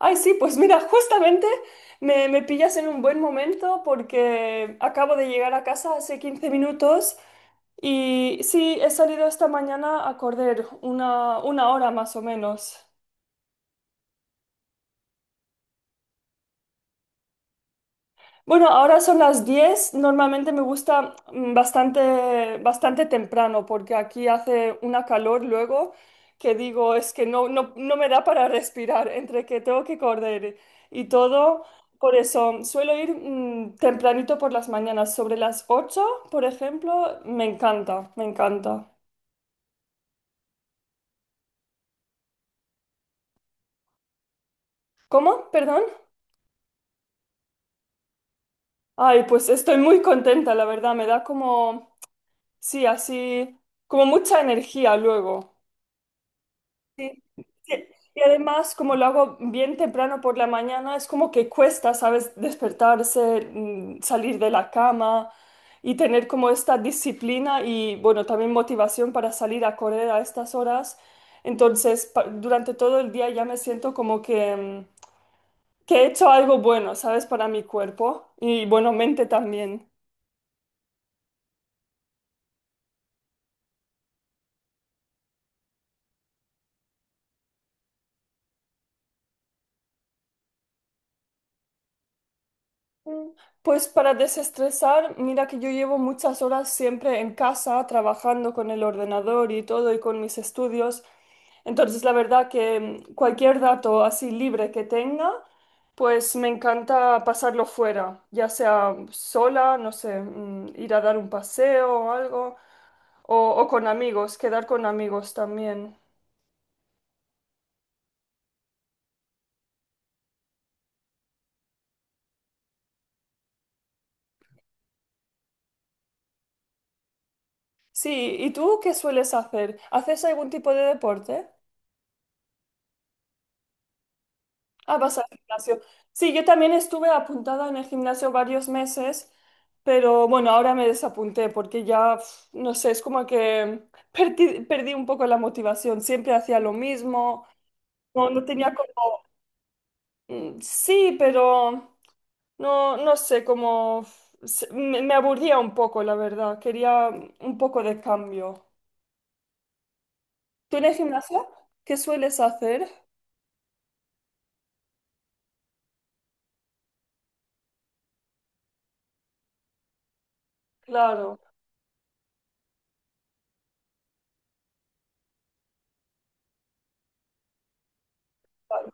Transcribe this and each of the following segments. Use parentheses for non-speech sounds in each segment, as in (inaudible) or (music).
Ay, sí, pues mira, (laughs) justamente me pillas en un buen momento porque acabo de llegar a casa hace 15 minutos y sí, he salido esta mañana a correr una hora más o menos. Bueno, ahora son las 10. Normalmente me gusta bastante temprano porque aquí hace una calor luego que digo, es que no me da para (laughs) respirar entre que tengo que correr y todo. Por eso suelo ir tempranito por las mañanas, sobre las 8, por ejemplo. Me encanta, me encanta. ¿Cómo? Perdón. Ay, pues estoy muy contenta, la verdad. Me da como, sí, así, como mucha energía luego. Sí, y además, como lo hago bien temprano por la mañana, es como que cuesta, ¿sabes? Despertarse, salir de la cama y tener como esta disciplina y, bueno, también motivación para salir a correr a estas horas. Entonces, durante todo el día ya me siento como que, que he hecho algo bueno, ¿sabes? Para mi cuerpo y, bueno, mente también. Mm, Pues para desestresar, mira que yo llevo muchas horas siempre en casa trabajando con el ordenador y todo y con mis estudios. Entonces, la verdad que cualquier dato así libre que tenga, pues me encanta pasarlo fuera, ya sea sola, no sé, ir a dar un paseo o algo, o con amigos, quedar con amigos también. Sí, ¿y tú qué sueles hacer? ¿Haces algún tipo de deporte? Ah, vas al gimnasio. Sí, yo también estuve apuntada en el gimnasio varios meses, pero bueno, ahora me desapunté porque ya, no sé, es como que (laughs) perdí un poco la motivación. Siempre hacía lo mismo, no, no tenía como, sí, pero no, no sé, como me aburría un poco, la verdad. Quería un poco de cambio. ¿Tú en el gimnasio qué sueles hacer? Claro, claro.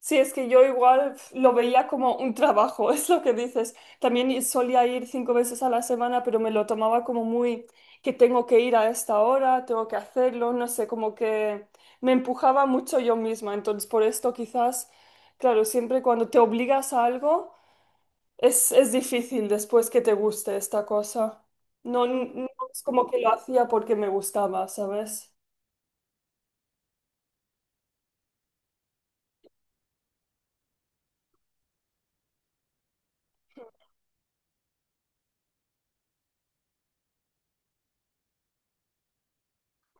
Sí, es que yo igual lo veía como un trabajo, (laughs) es lo que dices. También solía ir 5 veces a la semana, pero me lo tomaba como muy que tengo que ir a esta hora, tengo que hacerlo, no sé, como que me empujaba mucho yo misma. Entonces, por esto quizás, claro, siempre cuando te obligas a algo, es difícil después que te guste esta cosa. No, no es como que lo hacía porque me gustaba, ¿sabes?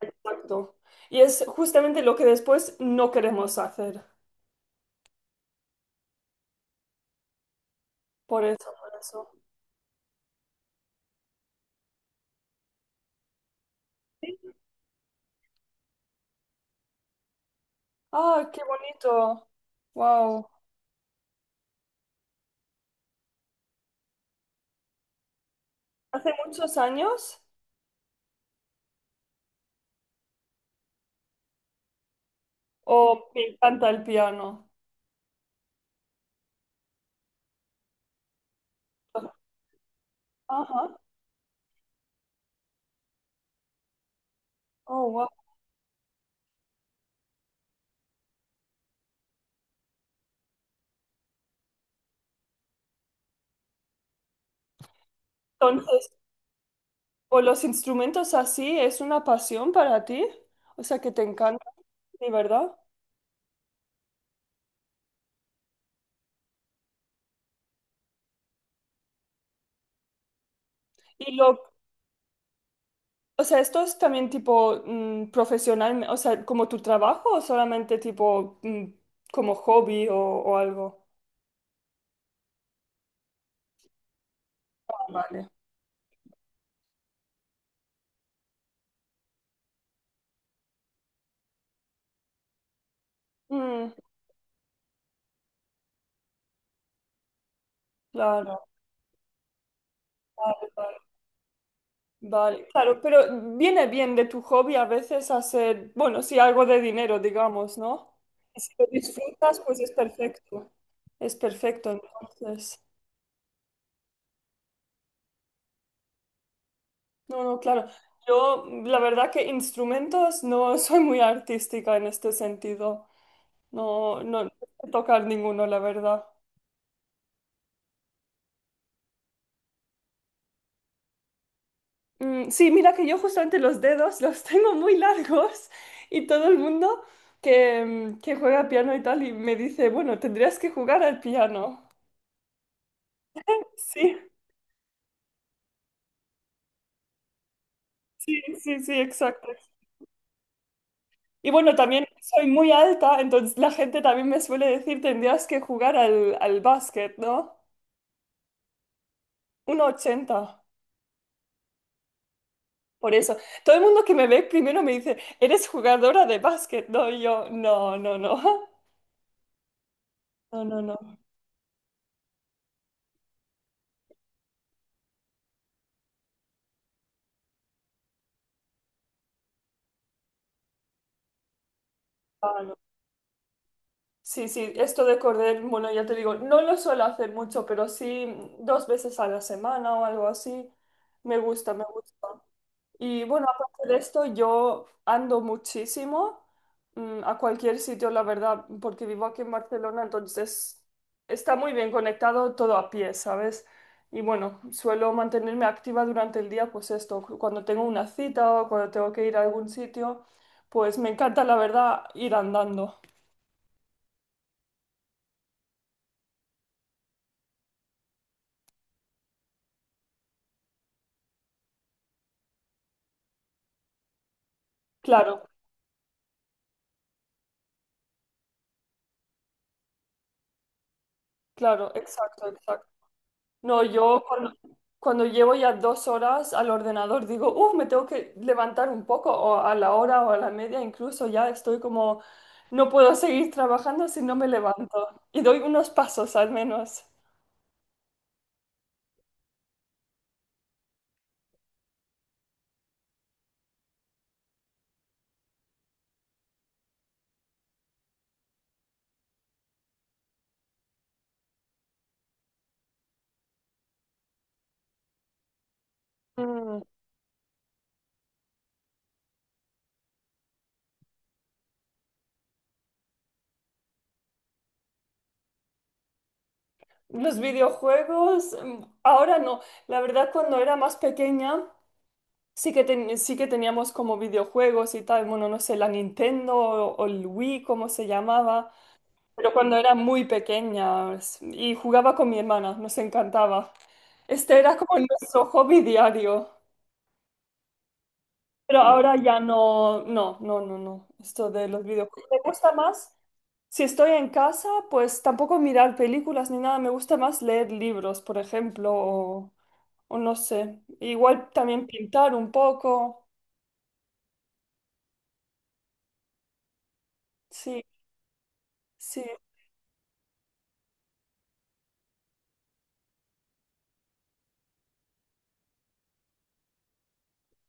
Exacto. Y es justamente lo que después no queremos hacer. Por eso, por eso. ¡Ah, qué bonito! ¡Wow! ¿Hace muchos años? ¿O me encanta el piano? Ajá. Oh, wow. Entonces, ¿o los instrumentos así es una pasión para ti? O sea, que te encanta, ¿de verdad? Y lo, o sea, ¿esto es también tipo profesional, o sea, como tu trabajo o solamente tipo como hobby o algo? Ah, vale. Mm, claro, claro. Vale, claro, pero viene bien de tu hobby a veces hacer, bueno, sí, algo de dinero, digamos, ¿no? Y si lo disfrutas, pues es perfecto. Es perfecto, entonces. No, no, claro. Yo, la verdad que instrumentos no (laughs) soy muy artística en este sentido. No, no, no sé tocar ninguno, la verdad. Sí, mira que yo justamente los dedos (laughs) los tengo muy largos y todo el mundo que, que juega piano y tal y me dice, bueno, tendrías que jugar al piano. Sí, sí, sí, sí, exacto. Y bueno, también soy muy alta, entonces la gente también me suele decir, tendrías que jugar al, al básquet, ¿no? 1,80, por eso. Todo el mundo que me ve primero me dice, ¿eres jugadora de básquet? No, y yo, no, no, no. (laughs) No, no, no. Ah, no. Sí, sí, esto de correr, bueno, ya te digo, no lo suelo hacer mucho, pero sí 2 veces a la semana o algo así. Me gusta, me gusta. Y bueno, aparte de esto, yo ando muchísimo a cualquier sitio, la verdad, porque vivo aquí en Barcelona, entonces está muy bien conectado todo a pie, ¿sabes? Y bueno, suelo mantenerme activa durante el día, pues esto, cuando tengo una cita o cuando tengo que ir a algún sitio, pues me encanta, la verdad, ir andando. Claro, claro, exacto, exacto. No, yo cuando llevo ya 2 horas al ordenador digo, uff, me tengo que levantar un poco, o a la hora o a la media, incluso ya estoy como, no puedo seguir trabajando si no me levanto. Y doy unos pasos al menos. Mm, Los videojuegos, ahora no. La verdad, cuando era más pequeña, sí que, sí que teníamos como videojuegos y tal. Bueno, no sé, la Nintendo o el Wii, como se llamaba. Pero cuando era muy pequeña y jugaba con mi hermana, nos encantaba. Este era como nuestro hobby diario, pero ahora ya no, no, no, no, no. Esto de los videojuegos me gusta más. Si estoy en casa, pues tampoco mirar películas ni nada, me gusta más leer libros, por ejemplo, o no sé. Igual también pintar un poco. Sí, sí,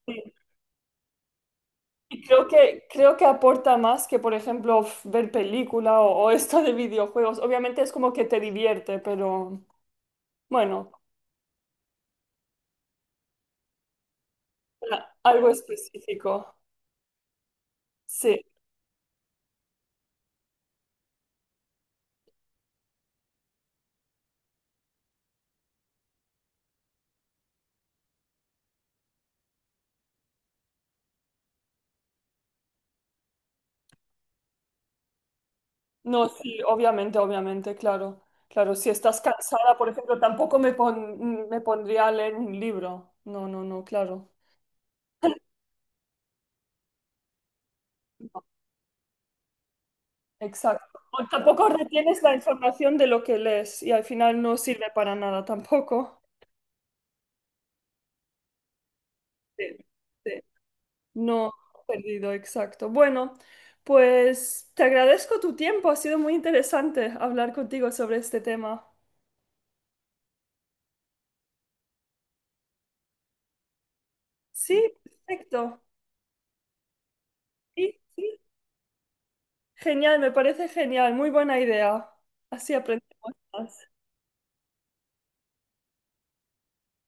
sí. Y creo que, creo que aporta más que, por ejemplo, ver película o esto de videojuegos. Obviamente es como que te divierte, pero bueno, algo específico. Sí, no, sí, obviamente, obviamente, claro. Claro, si estás cansada, por ejemplo, tampoco me pondría a leer un libro. No, no, no, claro. No, exacto. O tampoco retienes la información de lo que lees y al final no sirve para nada tampoco. Sí, sí. No, perdido, exacto. Bueno, pues te agradezco tu tiempo, ha sido muy interesante hablar contigo sobre este tema. Sí, perfecto. Sí, sí. Genial, me parece genial, muy buena idea. Así aprendemos más.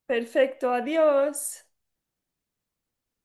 Perfecto, adiós.